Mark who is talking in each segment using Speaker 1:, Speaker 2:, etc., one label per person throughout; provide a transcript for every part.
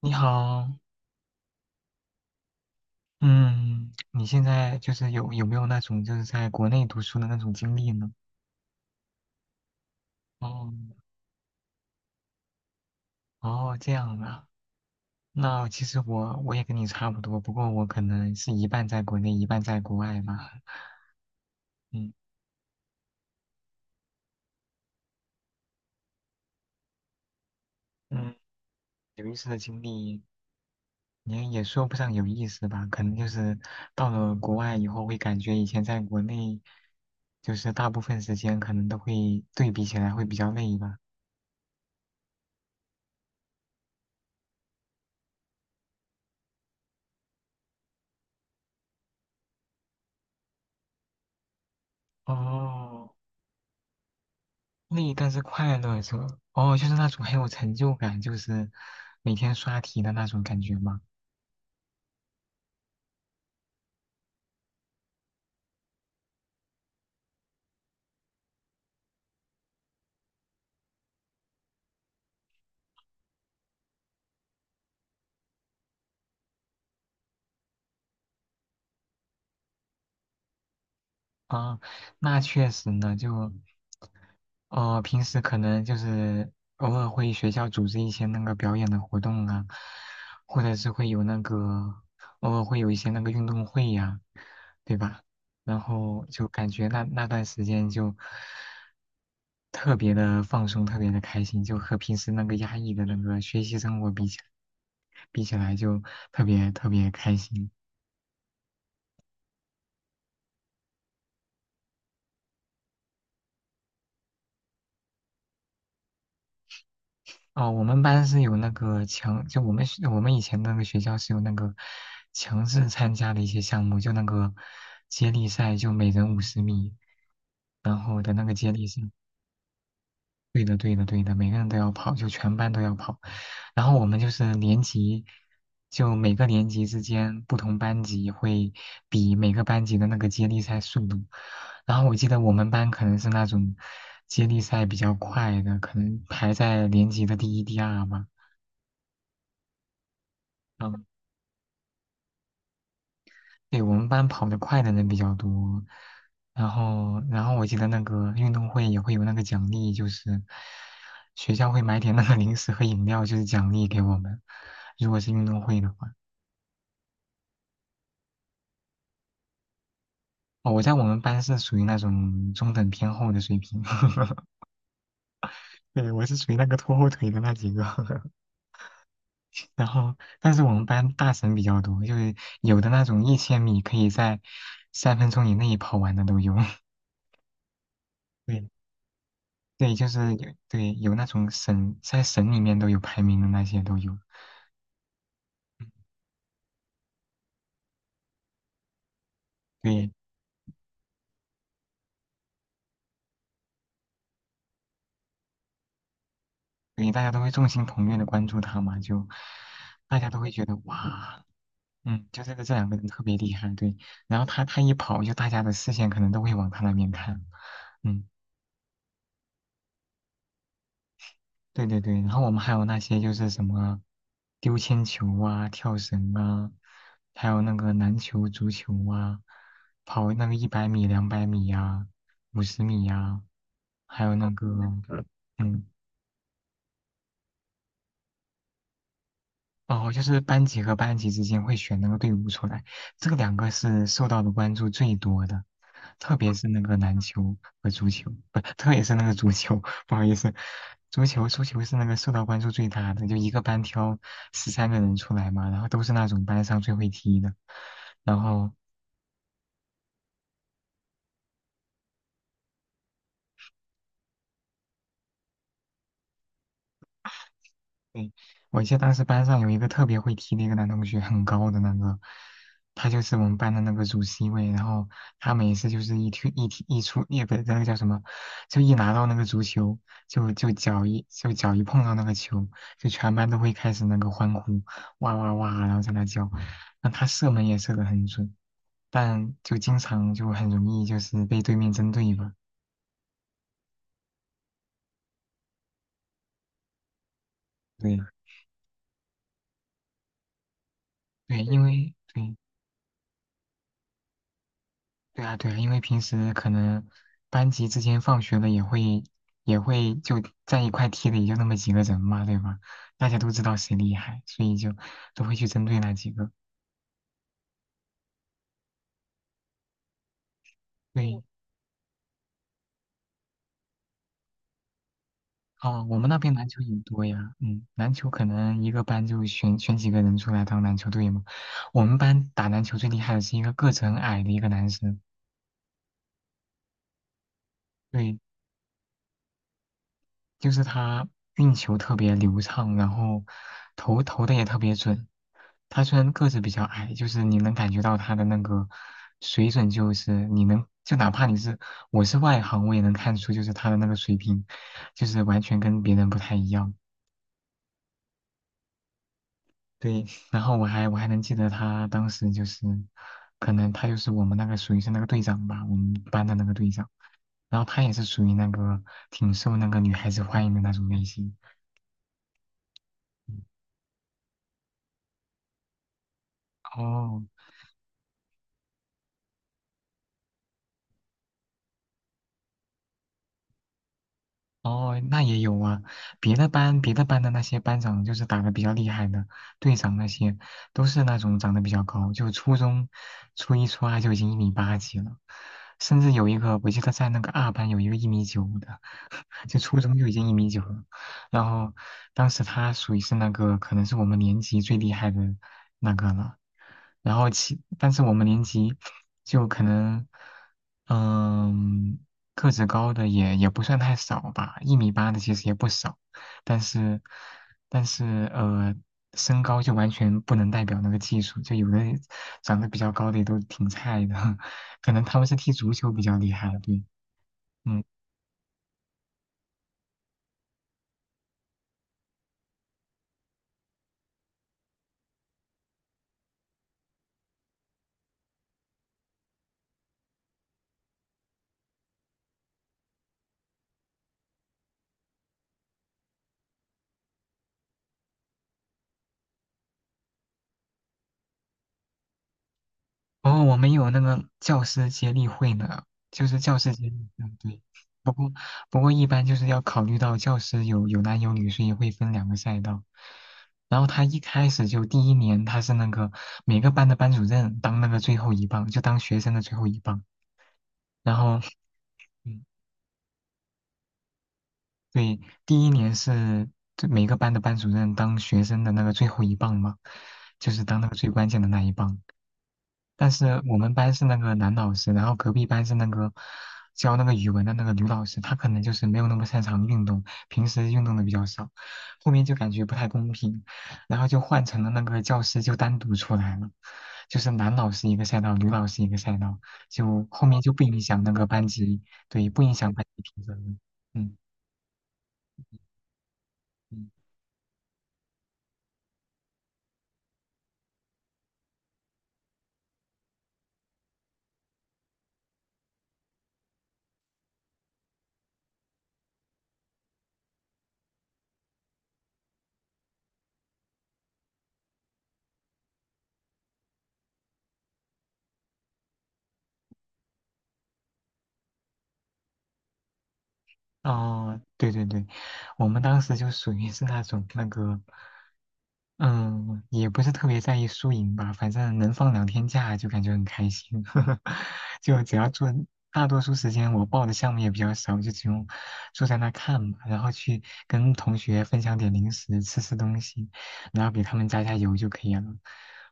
Speaker 1: 你好，嗯，你现在就是有没有那种就是在国内读书的那种经历呢？哦，哦，这样啊。那其实我也跟你差不多，不过我可能是一半在国内，一半在国外吧。嗯嗯，有意思的经历你也说不上有意思吧，可能就是到了国外以后会感觉以前在国内，就是大部分时间可能都会对比起来会比较累吧。哦。累，但是快乐着，哦，就是那种很有成就感，就是每天刷题的那种感觉吗？啊，那确实呢，就平时可能就是偶尔会学校组织一些那个表演的活动啊，或者是会有那个偶尔会有一些那个运动会呀、对吧？然后就感觉那段时间就特别的放松，特别的开心，就和平时那个压抑的那个学习生活比起来，比起来就特别特别开心。哦，我们班是有那个强，就我们以前那个学校是有那个强制参加的一些项目，就那个接力赛，就每人五十米，然后的那个接力赛，对的对的对的，每个人都要跑，就全班都要跑。然后我们就是年级，就每个年级之间不同班级会比每个班级的那个接力赛速度。然后我记得我们班可能是那种接力赛比较快的，可能排在年级的第一、第二吧。嗯，对，我们班跑得快的人比较多，然后，然后我记得那个运动会也会有那个奖励，就是学校会买点那个零食和饮料，就是奖励给我们。如果是运动会的话，哦，我在我们班是属于那种中等偏后的水平，对，我是属于那个拖后腿的那几个。然后，但是我们班大神比较多，就是有的那种1000米可以在3分钟以内跑完的都有。对，对，就是有那种省在省里面都有排名的那些都有，对对，大家都会众星捧月的关注他嘛，就大家都会觉得哇，嗯，就这两个人特别厉害，对，然后他一跑，就大家的视线可能都会往他那边看，嗯，对对对，然后我们还有那些就是什么丢铅球啊、跳绳啊，还有那个篮球、足球啊，跑那个100米、两百米呀、五十米呀、还有那个。嗯，哦，就是班级和班级之间会选那个队伍出来，这两个是受到的关注最多的，特别是那个篮球和足球，不，特别是那个足球，不好意思，足球是那个受到关注最大的，就一个班挑13个人出来嘛，然后都是那种班上最会踢的，然后对，我记得当时班上有一个特别会踢的一个男同学，很高的那个，他就是我们班的那个主 C 位。然后他每次就是一踢一踢一出，也不是那个叫什么，就一拿到那个足球，就脚一碰到那个球，就全班都会开始那个欢呼，哇哇哇，然后在那叫。那他射门也射得很准，但就经常就很容易就是被对面针对吧。对对，因为对对啊，对啊，因为平时可能班级之间放学了也会就在一块踢的，也就那么几个人嘛，对吧？大家都知道谁厉害，所以就都会去针对那几个。对，哦，我们那边篮球也多呀，嗯，篮球可能一个班就选几个人出来当篮球队嘛。我们班打篮球最厉害的是一个个子很矮的一个男生，对，就是他运球特别流畅，然后投的也特别准。他虽然个子比较矮，就是你能感觉到他的那个水准，就是你能就哪怕你是我是外行，我也能看出就是他的那个水平，就是完全跟别人不太一样。对，然后我还能记得他当时就是，可能他就是我们那个属于是那个队长吧，我们班的那个队长。然后他也是属于那个挺受那个女孩子欢迎的那种类型。哦，哦，那也有啊，别的班的那些班长就是打的比较厉害的，队长那些都是那种长得比较高，就初中初一初二就已经一米八几了，甚至有一个我记得在那个二班有一个一米九的，就初中就已经一米九了，然后当时他属于是那个可能是我们年级最厉害的那个了，然后其但是我们年级就可能。嗯，个子高的也也不算太少吧，一米八的其实也不少，但是但是呃，身高就完全不能代表那个技术，就有的长得比较高的也都挺菜的，可能他们是踢足球比较厉害，对，嗯。哦，我们有那个教师接力会呢，就是教师接力，嗯，对。不过，不过一般就是要考虑到教师有有男有女，所以会分两个赛道。然后他一开始就第一年他是那个每个班的班主任当那个最后一棒，就当学生的最后一棒。然后，嗯，对，第一年是就每个班的班主任当学生的那个最后一棒嘛，就是当那个最关键的那一棒。但是我们班是那个男老师，然后隔壁班是那个教那个语文的那个女老师，她可能就是没有那么擅长运动，平时运动的比较少，后面就感觉不太公平，然后就换成了那个教师就单独出来了，就是男老师一个赛道，女老师一个赛道，就后面就不影响那个班级，对，不影响班级评分了嗯。嗯哦，对对对，我们当时就属于是那种那个嗯，也不是特别在意输赢吧，反正能放2天假就感觉很开心。就只要做，大多数时间我报的项目也比较少，就只用坐在那看嘛，然后去跟同学分享点零食，吃吃东西，然后给他们加油就可以了。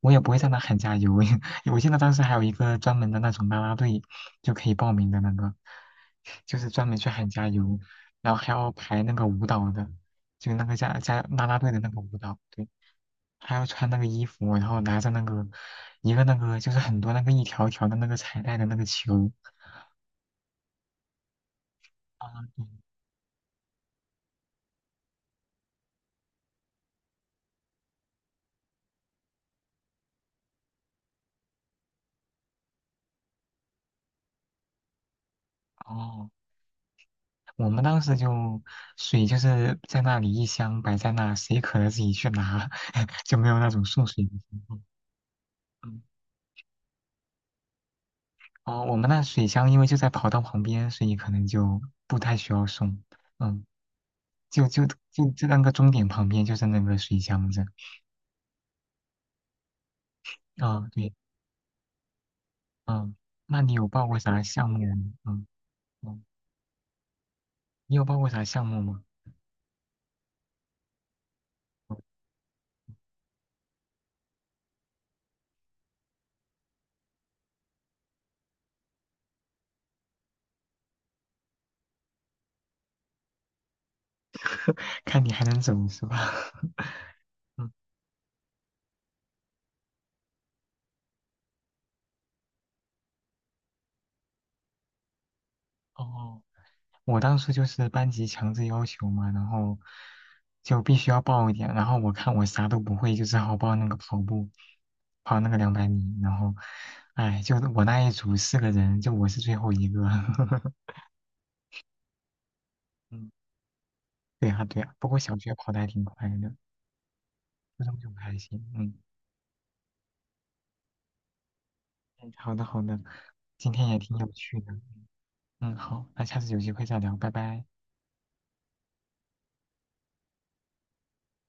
Speaker 1: 我也不会在那喊加油，我记得当时还有一个专门的那种啦啦队，就可以报名的那个，就是专门去喊加油，然后还要排那个舞蹈的，就那个啦啦队的那个舞蹈，对。还要穿那个衣服，然后拿着那个一个那个就是很多那个一条一条的那个彩带的那个球啊，对哦，我们当时就水就是在那里一箱摆在那，谁渴了自己去拿，就没有那种送水的情况。嗯，哦，我们那水箱因为就在跑道旁边，所以可能就不太需要送。嗯，就就就那个终点旁边就是那个水箱子。啊，对，嗯，那你有报过啥项目吗嗯嗯，你有报过啥项目吗？看你还能怎么吧？嗯，哦，我当初就是班级强制要求嘛，然后就必须要报一点，然后我看我啥都不会，就只好报那个跑步，跑那个两百米，然后，哎，就我那一组四个人，就我是最后一个。嗯，对呀对呀，不过小学跑的还挺快的，初中就不太行。嗯，嗯好的好的，今天也挺有趣的。嗯，好，那下次有机会再聊，拜拜。